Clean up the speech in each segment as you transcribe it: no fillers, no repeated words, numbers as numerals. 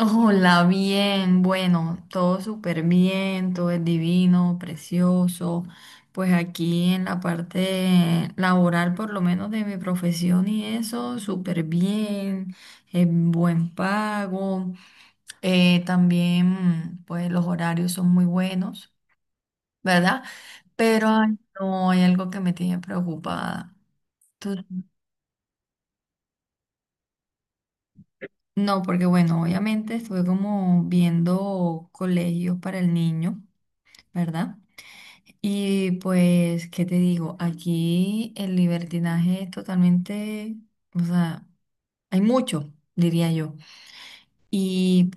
Hola, bien, bueno, todo súper bien, todo es divino, precioso. Pues aquí en la parte laboral, por lo menos de mi profesión y eso, súper bien, buen pago. También, pues los horarios son muy buenos, ¿verdad? Pero ay, no hay algo que me tiene preocupada. Tú- no, porque bueno, obviamente estuve como viendo colegios para el niño, ¿verdad? Y pues, ¿qué te digo? Aquí el libertinaje es totalmente, o sea, hay mucho, diría yo. Y,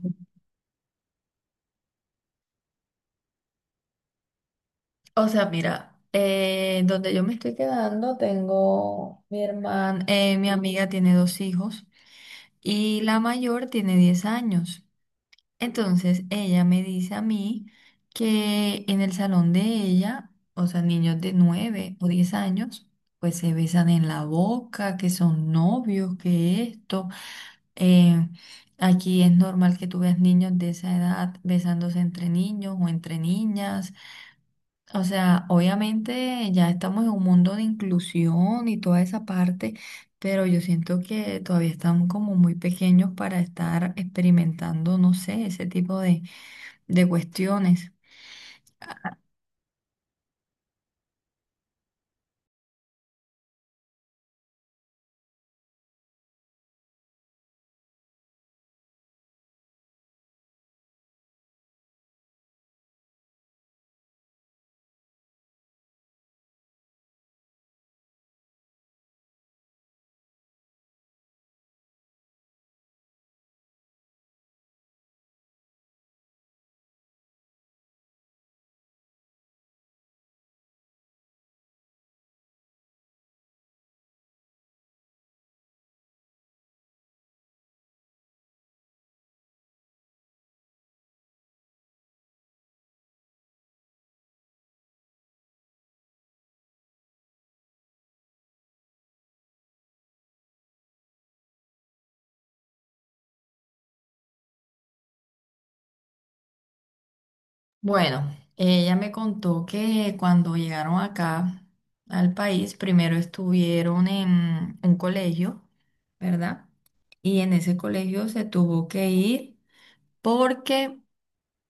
o sea, mira, donde yo me estoy quedando, tengo mi hermana, mi amiga tiene dos hijos y la mayor tiene 10 años. Entonces ella me dice a mí que en el salón de ella, o sea, niños de 9 o 10 años, pues se besan en la boca, que son novios, que esto. eh, Aquí es normal que tú veas niños de esa edad besándose entre niños o entre niñas. O sea, obviamente ya estamos en un mundo de inclusión y toda esa parte, pero yo siento que todavía están como muy pequeños para estar experimentando, no sé, ese tipo de cuestiones. Bueno, ella me contó que cuando llegaron acá al país, primero estuvieron en un colegio, ¿verdad? Y en ese colegio se tuvo que ir porque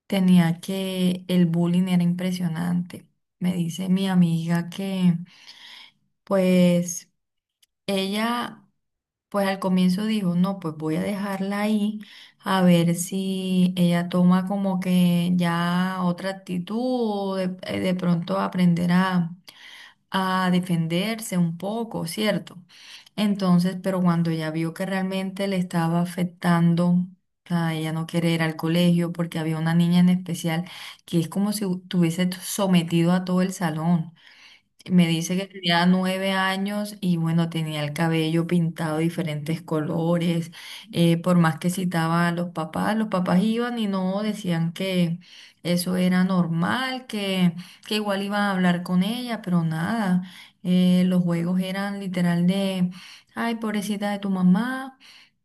tenía que, el bullying era impresionante. Me dice mi amiga que, pues, ella pues al comienzo dijo, no, pues voy a dejarla ahí a ver si ella toma como que ya otra actitud o de pronto aprender a defenderse un poco, ¿cierto? Entonces, pero cuando ella vio que realmente le estaba afectando, o sea, ella no quiere ir al colegio porque había una niña en especial que es como si estuviese sometido a todo el salón. Me dice que tenía 9 años y bueno, tenía el cabello pintado de diferentes colores. Por más que citaba a los papás iban y no decían que eso era normal, que igual iban a hablar con ella, pero nada. Los juegos eran literal de, ay, pobrecita de tu mamá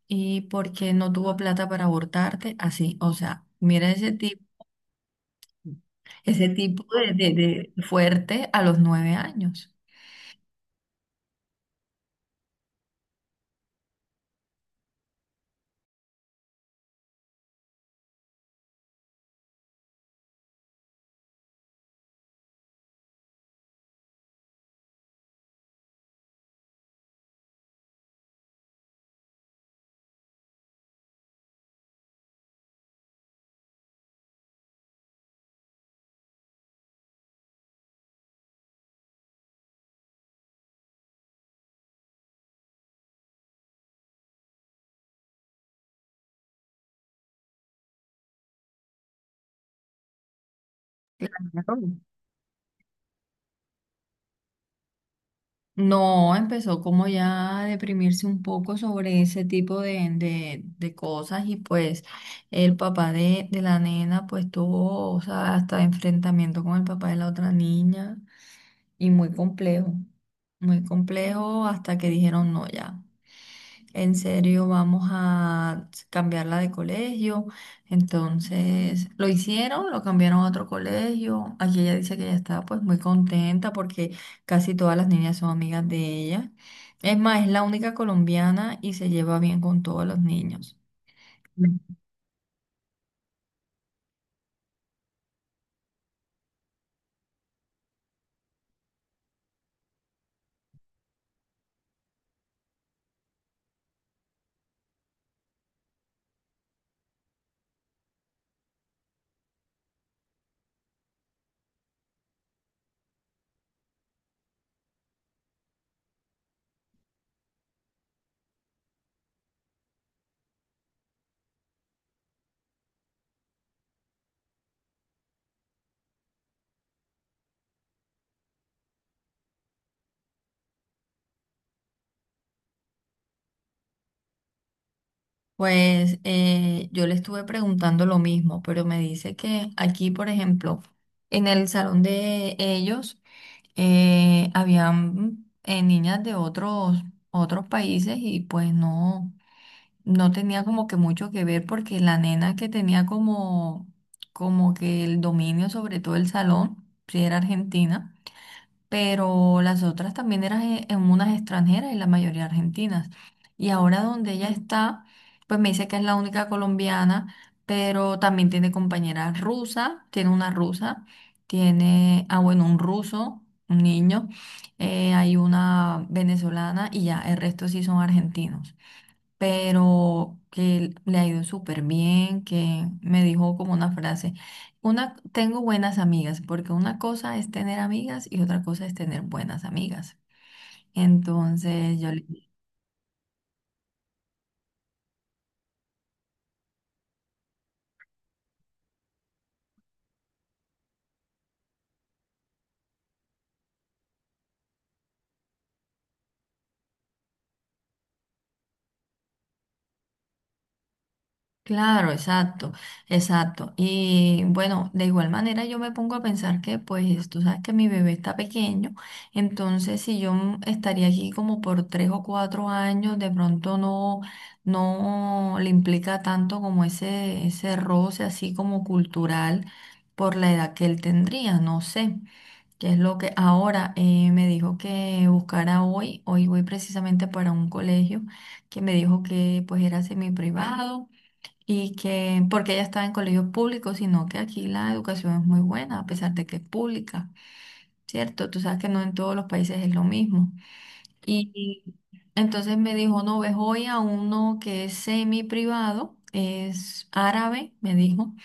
y porque no tuvo plata para abortarte, así. O sea, mira ese tipo de, de fuerte a los 9 años. Claro. No, empezó como ya a deprimirse un poco sobre ese tipo de cosas y pues el papá de la nena pues tuvo, o sea, hasta enfrentamiento con el papá de la otra niña y muy complejo hasta que dijeron no ya. En serio, vamos a cambiarla de colegio. Entonces, lo hicieron, lo cambiaron a otro colegio. Aquí ella dice que ella está pues muy contenta porque casi todas las niñas son amigas de ella. Es más, es la única colombiana y se lleva bien con todos los niños. Pues yo le estuve preguntando lo mismo, pero me dice que aquí, por ejemplo, en el salón de ellos, habían niñas de otros países y pues no, no tenía como que mucho que ver porque la nena que tenía como que el dominio sobre todo el salón, si era argentina pero las otras también eran en unas extranjeras y la mayoría argentinas. Y ahora donde ella está, pues me dice que es la única colombiana, pero también tiene compañeras rusas, tiene una rusa, tiene, ah, bueno, un ruso, un niño, hay una venezolana y ya, el resto sí son argentinos pero que le ha ido súper bien, que me dijo como una frase, una, tengo buenas amigas, porque una cosa es tener amigas y otra cosa es tener buenas amigas. Entonces yo le. Claro, exacto, exacto. Y bueno, de igual manera yo me pongo a pensar que pues tú sabes que mi bebé está pequeño, entonces si yo estaría aquí como por 3 o 4 años, de pronto no, no le implica tanto como ese roce así como cultural por la edad que él tendría, no sé. Qué es lo que ahora me dijo que buscara hoy. Hoy voy precisamente para un colegio que me dijo que pues era semi privado y que porque ella estaba en colegios públicos, sino que aquí la educación es muy buena, a pesar de que es pública, ¿cierto? Tú sabes que no en todos los países es lo mismo. Y entonces me dijo, no, ves hoy a uno que es semi privado. Es árabe, me dijo,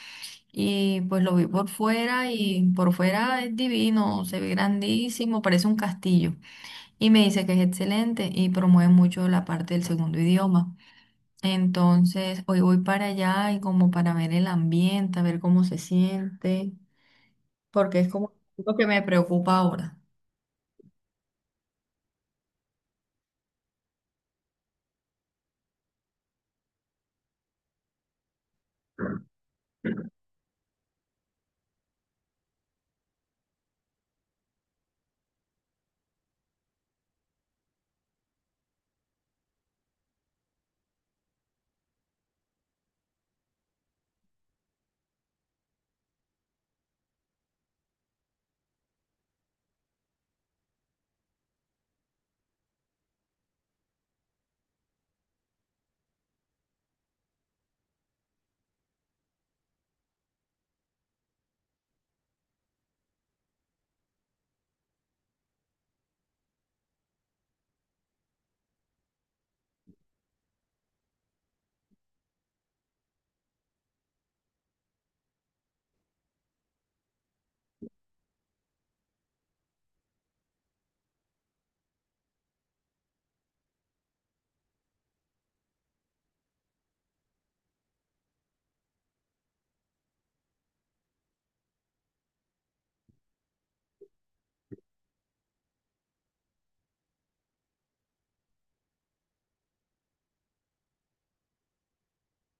y pues lo vi por fuera y por fuera es divino, se ve grandísimo, parece un castillo. Y me dice que es excelente y promueve mucho la parte del segundo idioma. Entonces, hoy voy para allá y como para ver el ambiente, a ver cómo se siente, porque es como lo que me preocupa ahora.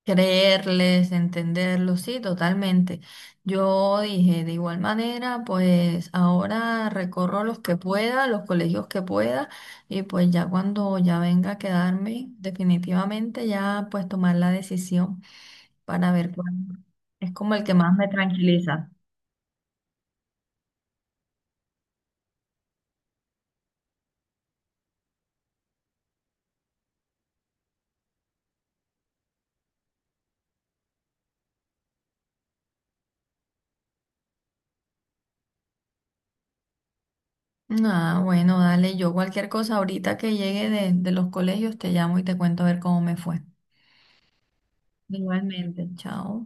Creerles, entenderlos, sí, totalmente. Yo dije, de igual manera, pues ahora recorro los que pueda, los colegios que pueda, y pues ya cuando ya venga a quedarme, definitivamente ya pues tomar la decisión para ver cuál es como el que más me tranquiliza. Ah, bueno, dale, yo cualquier cosa ahorita que llegue de los colegios te llamo y te cuento a ver cómo me fue. Igualmente. Chao.